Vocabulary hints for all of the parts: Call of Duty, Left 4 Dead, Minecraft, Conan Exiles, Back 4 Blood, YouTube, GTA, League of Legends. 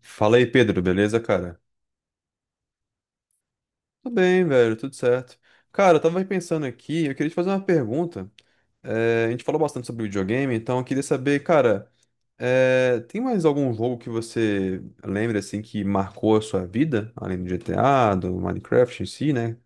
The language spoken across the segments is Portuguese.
Fala aí, Pedro, beleza, cara? Tudo bem, velho, tudo certo. Cara, eu tava pensando aqui, eu queria te fazer uma pergunta. A gente falou bastante sobre videogame, então eu queria saber, cara, tem mais algum jogo que você lembra, assim, que marcou a sua vida, além do GTA, do Minecraft em si, né?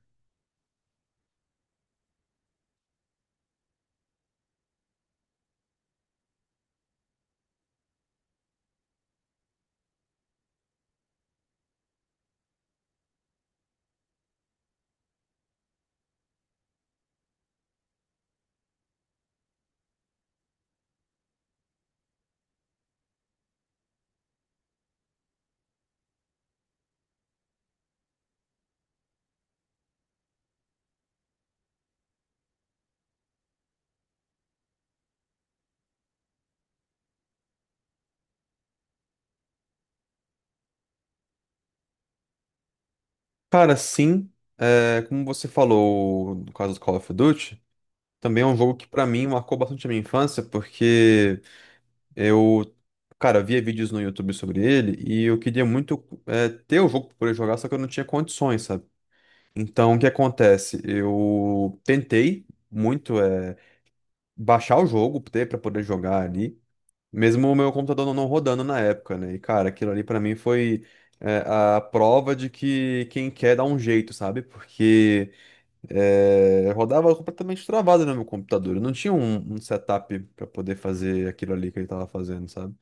Cara, sim, como você falou no caso do Call of Duty, também é um jogo que pra mim marcou bastante a minha infância, porque Eu, cara, via vídeos no YouTube sobre ele e eu queria muito ter o jogo pra poder jogar, só que eu não tinha condições, sabe? Então, o que acontece? Eu tentei muito baixar o jogo ter para poder jogar ali, mesmo o meu computador não rodando na época, né? E, cara, aquilo ali pra mim foi, a prova de que quem quer dá um jeito, sabe? Porque rodava completamente travado no meu computador. Eu não tinha um setup para poder fazer aquilo ali que ele tava fazendo, sabe?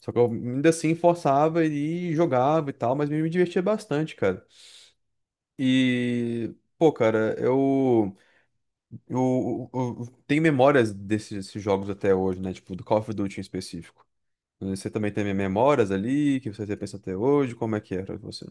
Só que eu ainda assim forçava e jogava e tal, mas me divertia bastante, cara. E, pô, cara, eu tenho memórias desses jogos até hoje, né? Tipo, do Call of Duty em específico. Você também tem memórias ali, que você pensa até hoje, como é que era você?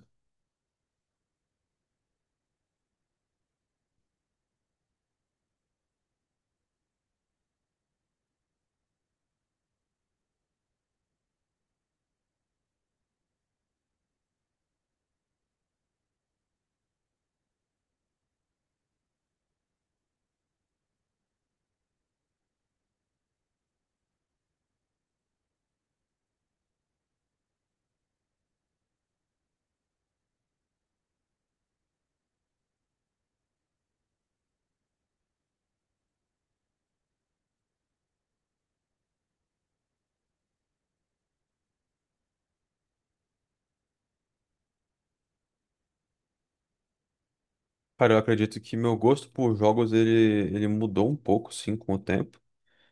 Cara, eu acredito que meu gosto por jogos, ele mudou um pouco, sim, com o tempo.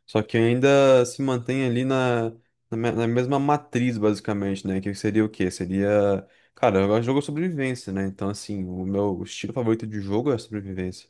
Só que ainda se mantém ali na mesma matriz, basicamente, né? Que seria o quê? Seria. Cara, eu gosto de jogo de sobrevivência, né? Então, assim, o meu estilo favorito de jogo é a sobrevivência.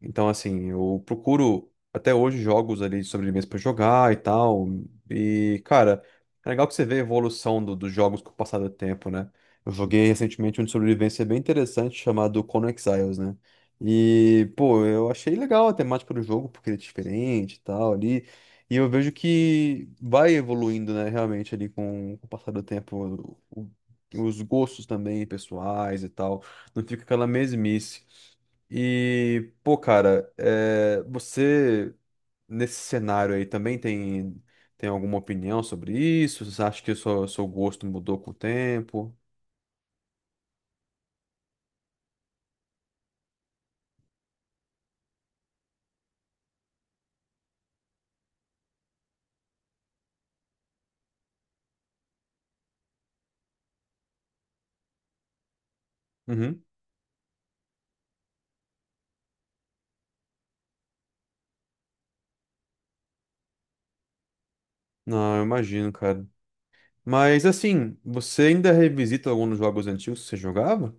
Então, assim, eu procuro até hoje jogos ali de sobrevivência pra jogar e tal. E, cara, é legal que você vê a evolução dos jogos com o passar do tempo, né? Eu joguei recentemente um de sobrevivência bem interessante chamado Conan Exiles, né? E, pô, eu achei legal a temática do jogo, porque ele é diferente e tal ali. E eu vejo que vai evoluindo, né, realmente ali com o passar do tempo, os gostos também pessoais e tal. Não fica aquela mesmice. E, pô, cara, é, você nesse cenário aí também tem alguma opinião sobre isso? Você acha que o seu gosto mudou com o tempo? Uhum. Não, eu imagino, cara. Mas assim, você ainda revisita alguns jogos antigos que você jogava?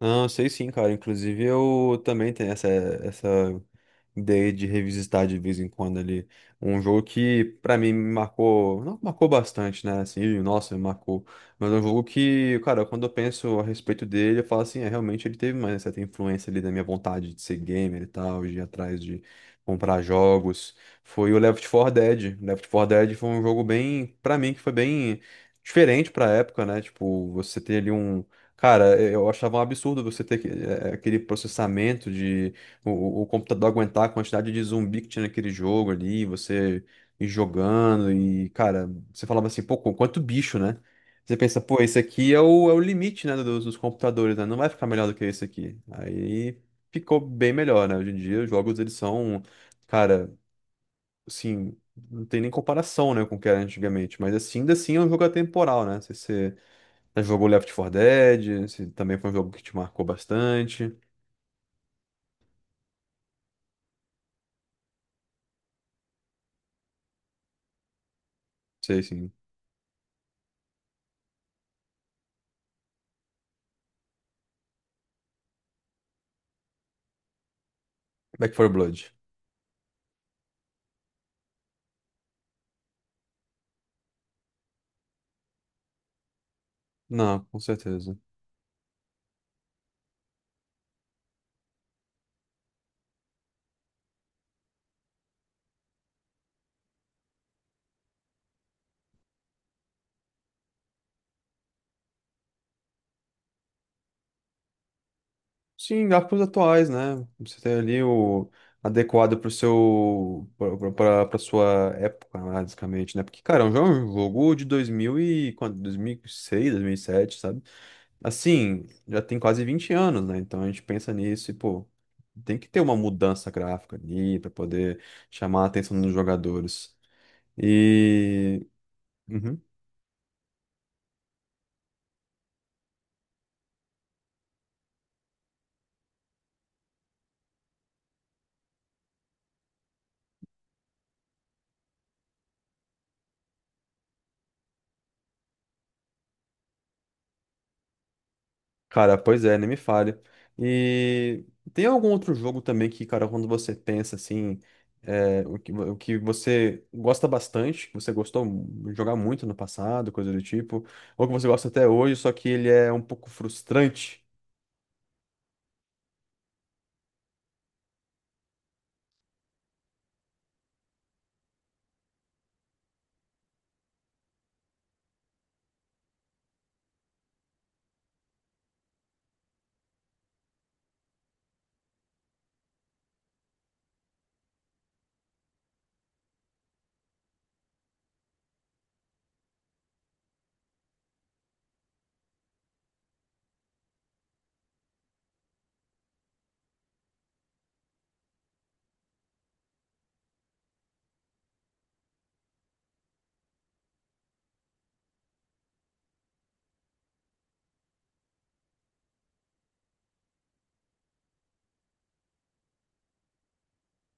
Não, eu sei sim, cara. Inclusive, eu também tenho essa ideia de revisitar de vez em quando ali. Um jogo que, pra mim, me marcou. Não marcou bastante, né? Assim, nossa, me marcou. Mas é um jogo que, cara, quando eu penso a respeito dele, eu falo assim, é, realmente ele teve uma certa influência ali da minha vontade de ser gamer e tal, de ir atrás de comprar jogos. Foi o Left 4 Dead. Left 4 Dead foi um jogo bem, pra mim, que foi bem. Diferente pra época, né? Tipo, você ter ali um... Cara, eu achava um absurdo você ter aquele processamento de o computador aguentar a quantidade de zumbi que tinha naquele jogo ali, você ir jogando e, cara, você falava assim, pô, quanto bicho, né? Você pensa, pô, esse aqui é é o limite, né, dos computadores, né? Não vai ficar melhor do que esse aqui. Aí ficou bem melhor, né? Hoje em dia os jogos, eles são, cara, assim, não tem nem comparação, né, com o que era antigamente, mas assim, ainda assim é um jogo atemporal, né? Você já jogou Left 4 Dead? Esse também foi um jogo que te marcou bastante. Sei sim. Back 4 Blood. Não, com certeza. Sim, gráficos atuais, né? Você tem ali o adequado pro seu pra sua época, né, basicamente, né? Porque, cara, é um jogo de 2000 e quanto? 2006, 2007, sabe? Assim, já tem quase 20 anos, né? Então a gente pensa nisso e, pô, tem que ter uma mudança gráfica ali pra poder chamar a atenção dos jogadores. E... Uhum. Cara, pois é, nem me fale. E tem algum outro jogo também que, cara, quando você pensa assim, é, o que você gosta bastante, que você gostou de jogar muito no passado, coisa do tipo, ou que você gosta até hoje, só que ele é um pouco frustrante?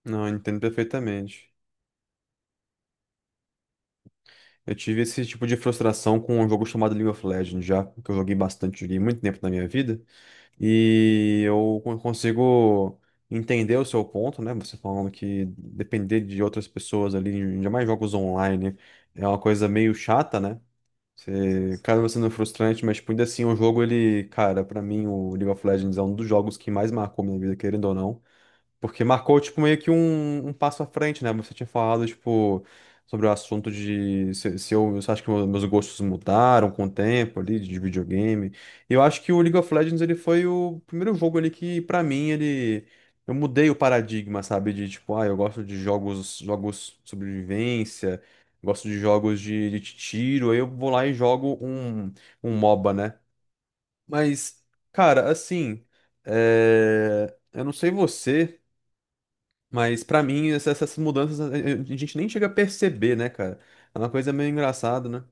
Não, eu entendo perfeitamente. Eu tive esse tipo de frustração com um jogo chamado League of Legends já, que eu joguei bastante, joguei muito tempo na minha vida. E eu consigo entender o seu ponto, né? Você falando que depender de outras pessoas ali, ainda mais jogos online, é uma coisa meio chata, né? Você acaba sendo frustrante, mas tipo, ainda assim, o jogo, ele, cara, pra mim, o League of Legends é um dos jogos que mais marcou minha vida, querendo ou não. Porque marcou, tipo, meio que um passo à frente, né? Você tinha falado, tipo, sobre o assunto de se eu, você acha que meus gostos mudaram com o tempo ali, de videogame. E eu acho que o League of Legends, ele foi o primeiro jogo ali que, pra mim, ele... Eu mudei o paradigma, sabe? De, tipo, ah, eu gosto de jogos de sobrevivência, gosto de jogos de tiro, aí eu vou lá e jogo um, um MOBA, né? Mas, cara, assim... É... Eu não sei você... Mas pra mim, essas mudanças a gente nem chega a perceber, né, cara? É uma coisa meio engraçada, né?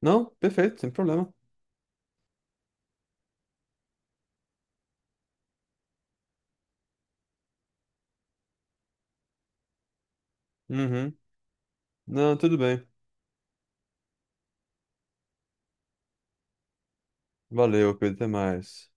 Não, perfeito, sem problema. Uhum. Não, tudo bem. Valeu, Pedro, até mais.